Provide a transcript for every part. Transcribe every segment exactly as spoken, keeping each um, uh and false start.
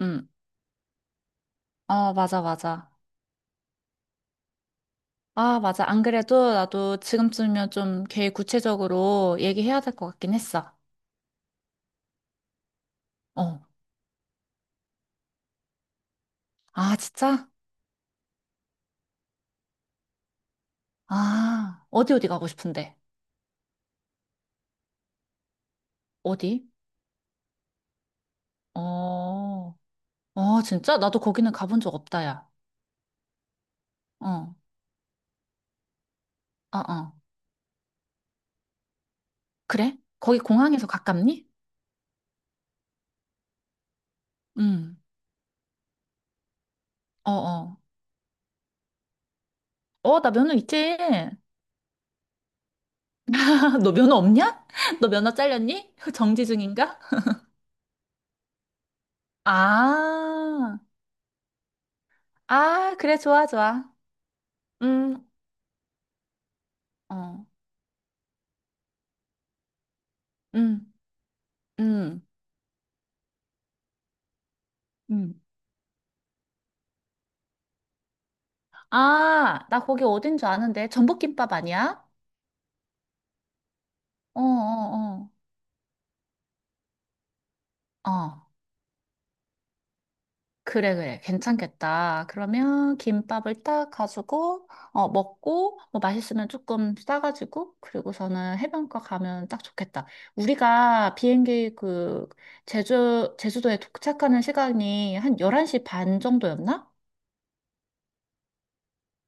응, 어, 맞아, 맞아. 아, 맞아. 안 그래도 나도 지금쯤이면 좀 계획 구체적으로 얘기해야 될 것 같긴 했어. 어. 아, 진짜? 아, 어디 어디 가고 싶은데? 어디? 어, 어, 진짜? 나도 거기는 가본 적 없다, 야. 어, 어, 어. 그래? 거기 공항에서 가깝니? 응. 어, 어. 어, 나 면허 있지? 너 면허 없냐? 너 면허 잘렸니? 정지 중인가? 아, 아, 그래, 좋아, 좋아. 음, 어, 음, 음, 음. 아, 나 거기 어딘 줄 아는데. 전복김밥 아니야? 어, 어, 어. 어, 그래, 그래. 괜찮겠다. 그러면 김밥을 딱 가지고, 어, 먹고, 뭐 맛있으면 조금 싸가지고, 그리고서는 해변가 가면 딱 좋겠다. 우리가 비행기 그, 제주, 제주도에 도착하는 시간이 한 열한 시 반 정도였나?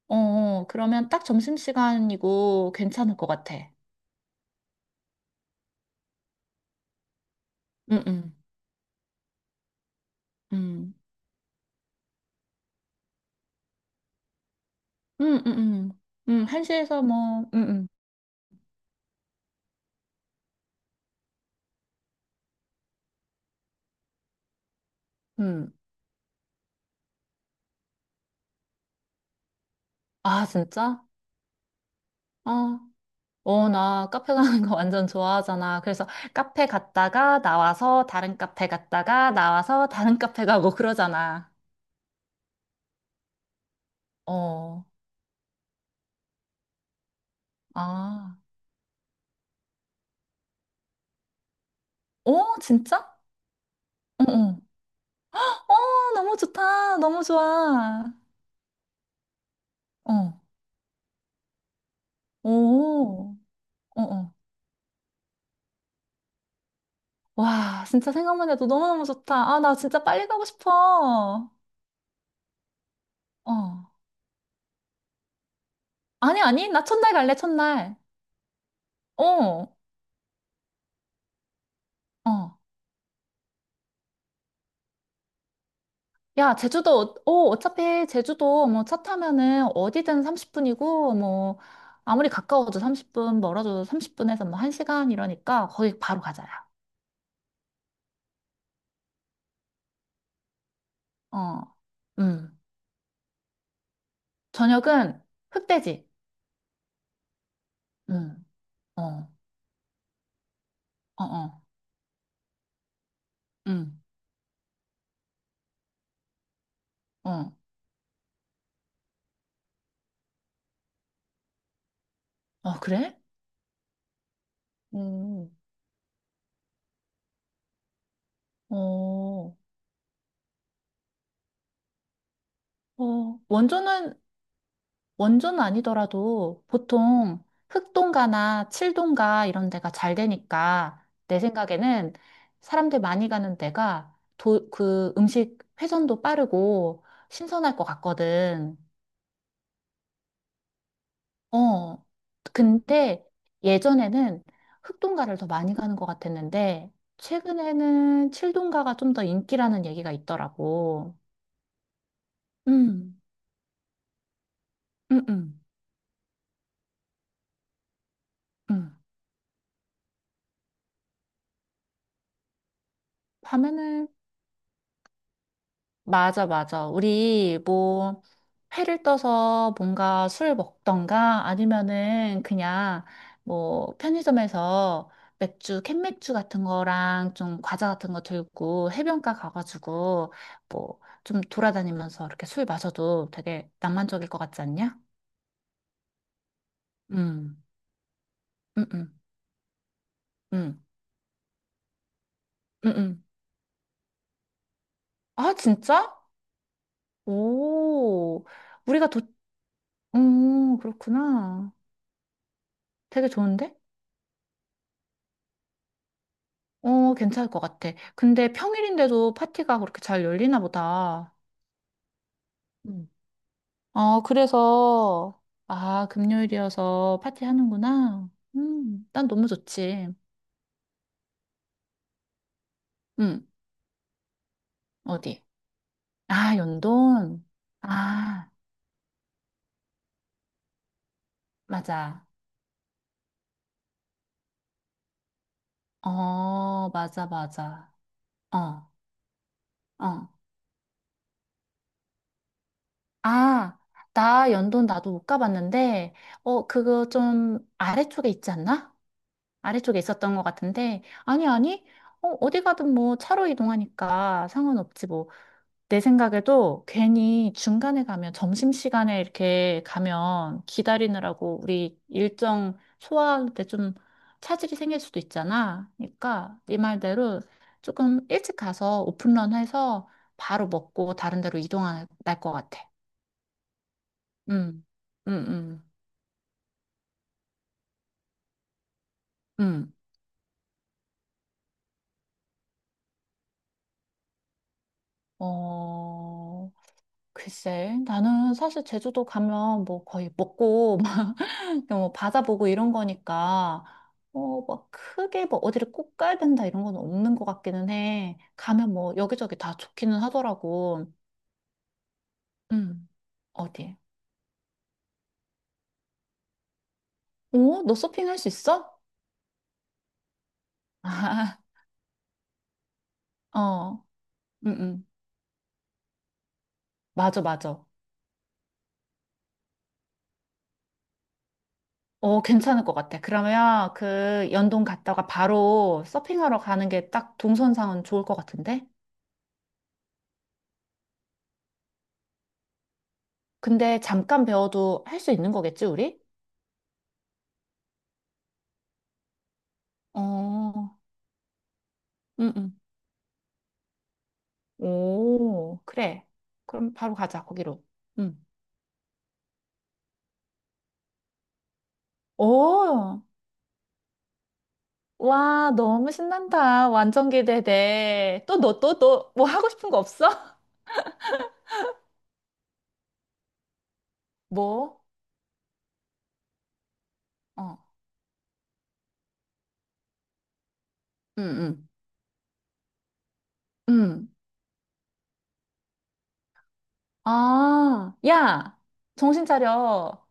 어, 어. 그러면 딱 점심시간이고 괜찮을 것 같아. 응, 응. 음. 응응응응 한시에서 뭐, 응응응 아, 진짜? 아, 어, 나 카페 가는 거 완전 좋아하잖아. 그래서 카페 갔다가 나와서 다른 카페 갔다가 나와서 다른 카페 가고 그러잖아. 어, 아, 어, 진짜? 어, 어. 어, 너무 좋다. 너무 좋아. 어, 오, 어, 어. 와, 진짜 생각만 해도 너무너무 좋다. 아, 나 진짜 빨리 가고 싶어. 어. 아니, 아니, 나 첫날 갈래, 첫날. 어. 어. 야, 제주도, 어, 어, 어차피 제주도 뭐 차 타면은 어디든 삼십 분이고, 뭐, 아무리 가까워도 삼십 분, 멀어도 삼십 분에서 뭐 한 시간 이러니까 거기 바로 가자야. 어, 음. 저녁은 흑돼지. 음, 어, 어, 어, 음, 어. 어, 그래? 음, 어, 어. 원조는 원조는 아니더라도 보통 흑동가나 칠동가 이런 데가 잘 되니까 내 생각에는 사람들 많이 가는 데가 도, 그 음식 회전도 빠르고 신선할 것 같거든. 어. 근데 예전에는 흑동가를 더 많이 가는 것 같았는데 최근에는 칠동가가 좀 더 인기라는 얘기가 있더라고. 음, 음, 음, 음. 밤에는 맞아, 맞아. 우리 뭐 회를 떠서 뭔가 술 먹던가 아니면은 그냥 뭐 편의점에서 맥주, 캔맥주 같은 거랑 좀 과자 같은 거 들고 해변가 가가지고 뭐 좀 돌아다니면서 이렇게 술 마셔도 되게 낭만적일 것 같지 않냐? 음, 음, 음, 음, 음, 음. 아, 진짜? 오, 우리가 도, 음, 그렇구나. 되게 좋은데? 어, 괜찮을 것 같아. 근데 평일인데도 파티가 그렇게 잘 열리나 보다. 음. 어, 그래서, 아, 금요일이어서 파티 하는구나. 음, 난 너무 좋지. 음, 어디? 아, 연돈. 아, 맞아. 어, 맞아, 맞아. 어, 어. 아, 나 연돈 나도 못 가봤는데, 어, 그거 좀 아래쪽에 있지 않나? 아래쪽에 있었던 것 같은데, 아니, 아니, 어, 어디 가든 뭐 차로 이동하니까 상관없지 뭐. 내 생각에도 괜히 중간에 가면, 점심시간에 이렇게 가면 기다리느라고 우리 일정 소화하는데 좀 차질이 생길 수도 있잖아. 그러니까 네 말대로 조금 일찍 가서 오픈런 해서 바로 먹고 다른 데로 이동할 것 같아. 음, 음, 음, 음. 어, 글쎄, 나는 사실 제주도 가면 뭐 거의 먹고, 막, 그냥 뭐 바다 보고 이런 거니까, 어, 막 크게 뭐 어디를 꼭 가야 된다 이런 건 없는 것 같기는 해. 가면 뭐 여기저기 다 좋기는 하더라고. 응, 어디? 어? 너 서핑 할 수 있어? 아, 어, 응, 응. 맞아, 맞아. 어, 괜찮을 것 같아. 그러면 그 연동 갔다가 바로 서핑하러 가는 게 딱 동선상은 좋을 것 같은데? 근데 잠깐 배워도 할 수 있는 거겠지, 우리? 어, 응, 응. 오, 그래. 그럼 바로 가자, 거기로. 응. 오, 와, 너무 신난다. 완전 기대돼. 또 너, 또, 또, 뭐 하고 싶은 거 없어? 뭐? 어, 응, 응. 응. 아, 야, 정신 차려.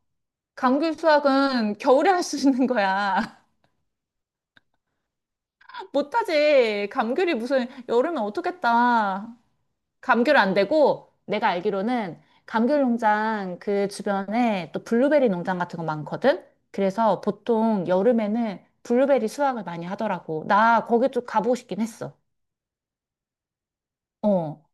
감귤 수확은 겨울에 할 수 있는 거야. 못하지. 감귤이 무슨 여름에 어떻겠다. 감귤 안 되고 내가 알기로는 감귤 농장 그 주변에 또 블루베리 농장 같은 거 많거든? 그래서 보통 여름에는 블루베리 수확을 많이 하더라고. 나 거기 좀 가보고 싶긴 했어. 어.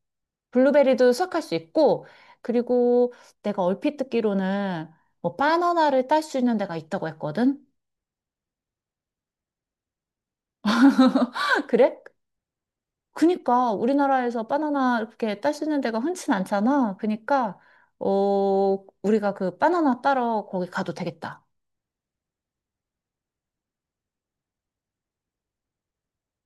블루베리도 수확할 수 있고, 그리고 내가 얼핏 듣기로는 뭐 바나나를 딸 수 있는 데가 있다고 했거든? 그래? 그니까 우리나라에서 바나나 이렇게 딸 수 있는 데가 흔치 않잖아. 그니까 어, 우리가 그 바나나 따러 거기 가도 되겠다.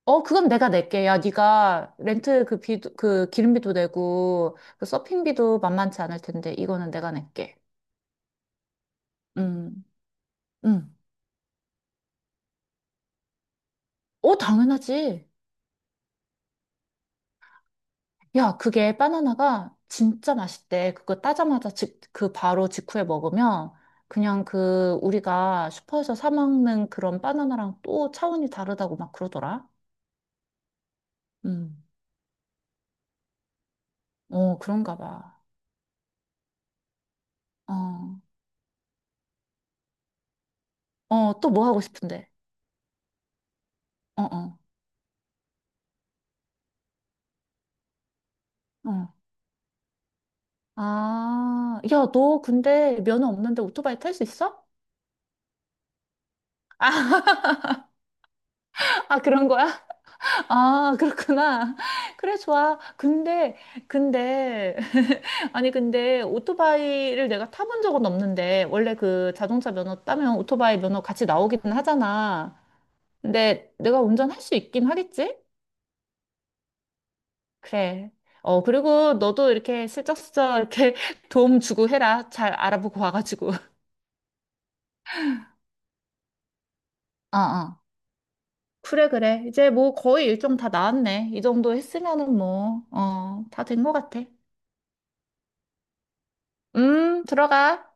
어, 그건 내가 낼게. 야, 네가 렌트 그 비도, 그 기름비도 내고, 그 서핑비도 만만치 않을 텐데, 이거는 내가 낼게. 음, 음. 어, 당연하지. 야, 그게 바나나가 진짜 맛있대. 그거 따자마자 직, 그 바로 직후에 먹으면, 그냥 그 우리가 슈퍼에서 사 먹는 그런 바나나랑 또 차원이 다르다고 막 그러더라. 음, 어, 그런가 봐. 어, 어, 또 뭐 하고 싶은데? 어, 어, 어. 아, 야, 너 근데 면허 없는데 오토바이 탈 수 있어? 아, 그런 거야? 아, 그렇구나. 그래, 좋아. 근데, 근데, 아니, 근데 오토바이를 내가 타본 적은 없는데, 원래 그 자동차 면허 따면 오토바이 면허 같이 나오기는 하잖아. 근데 내가 운전할 수 있긴 하겠지? 그래. 어, 그리고 너도 이렇게 슬쩍슬쩍 이렇게 도움 주고 해라. 잘 알아보고 와가지고. 어어. 그래, 그래. 이제 뭐 거의 일정 다 나왔네. 이 정도 했으면은 뭐, 어, 다 된 것 같아. 음, 들어가.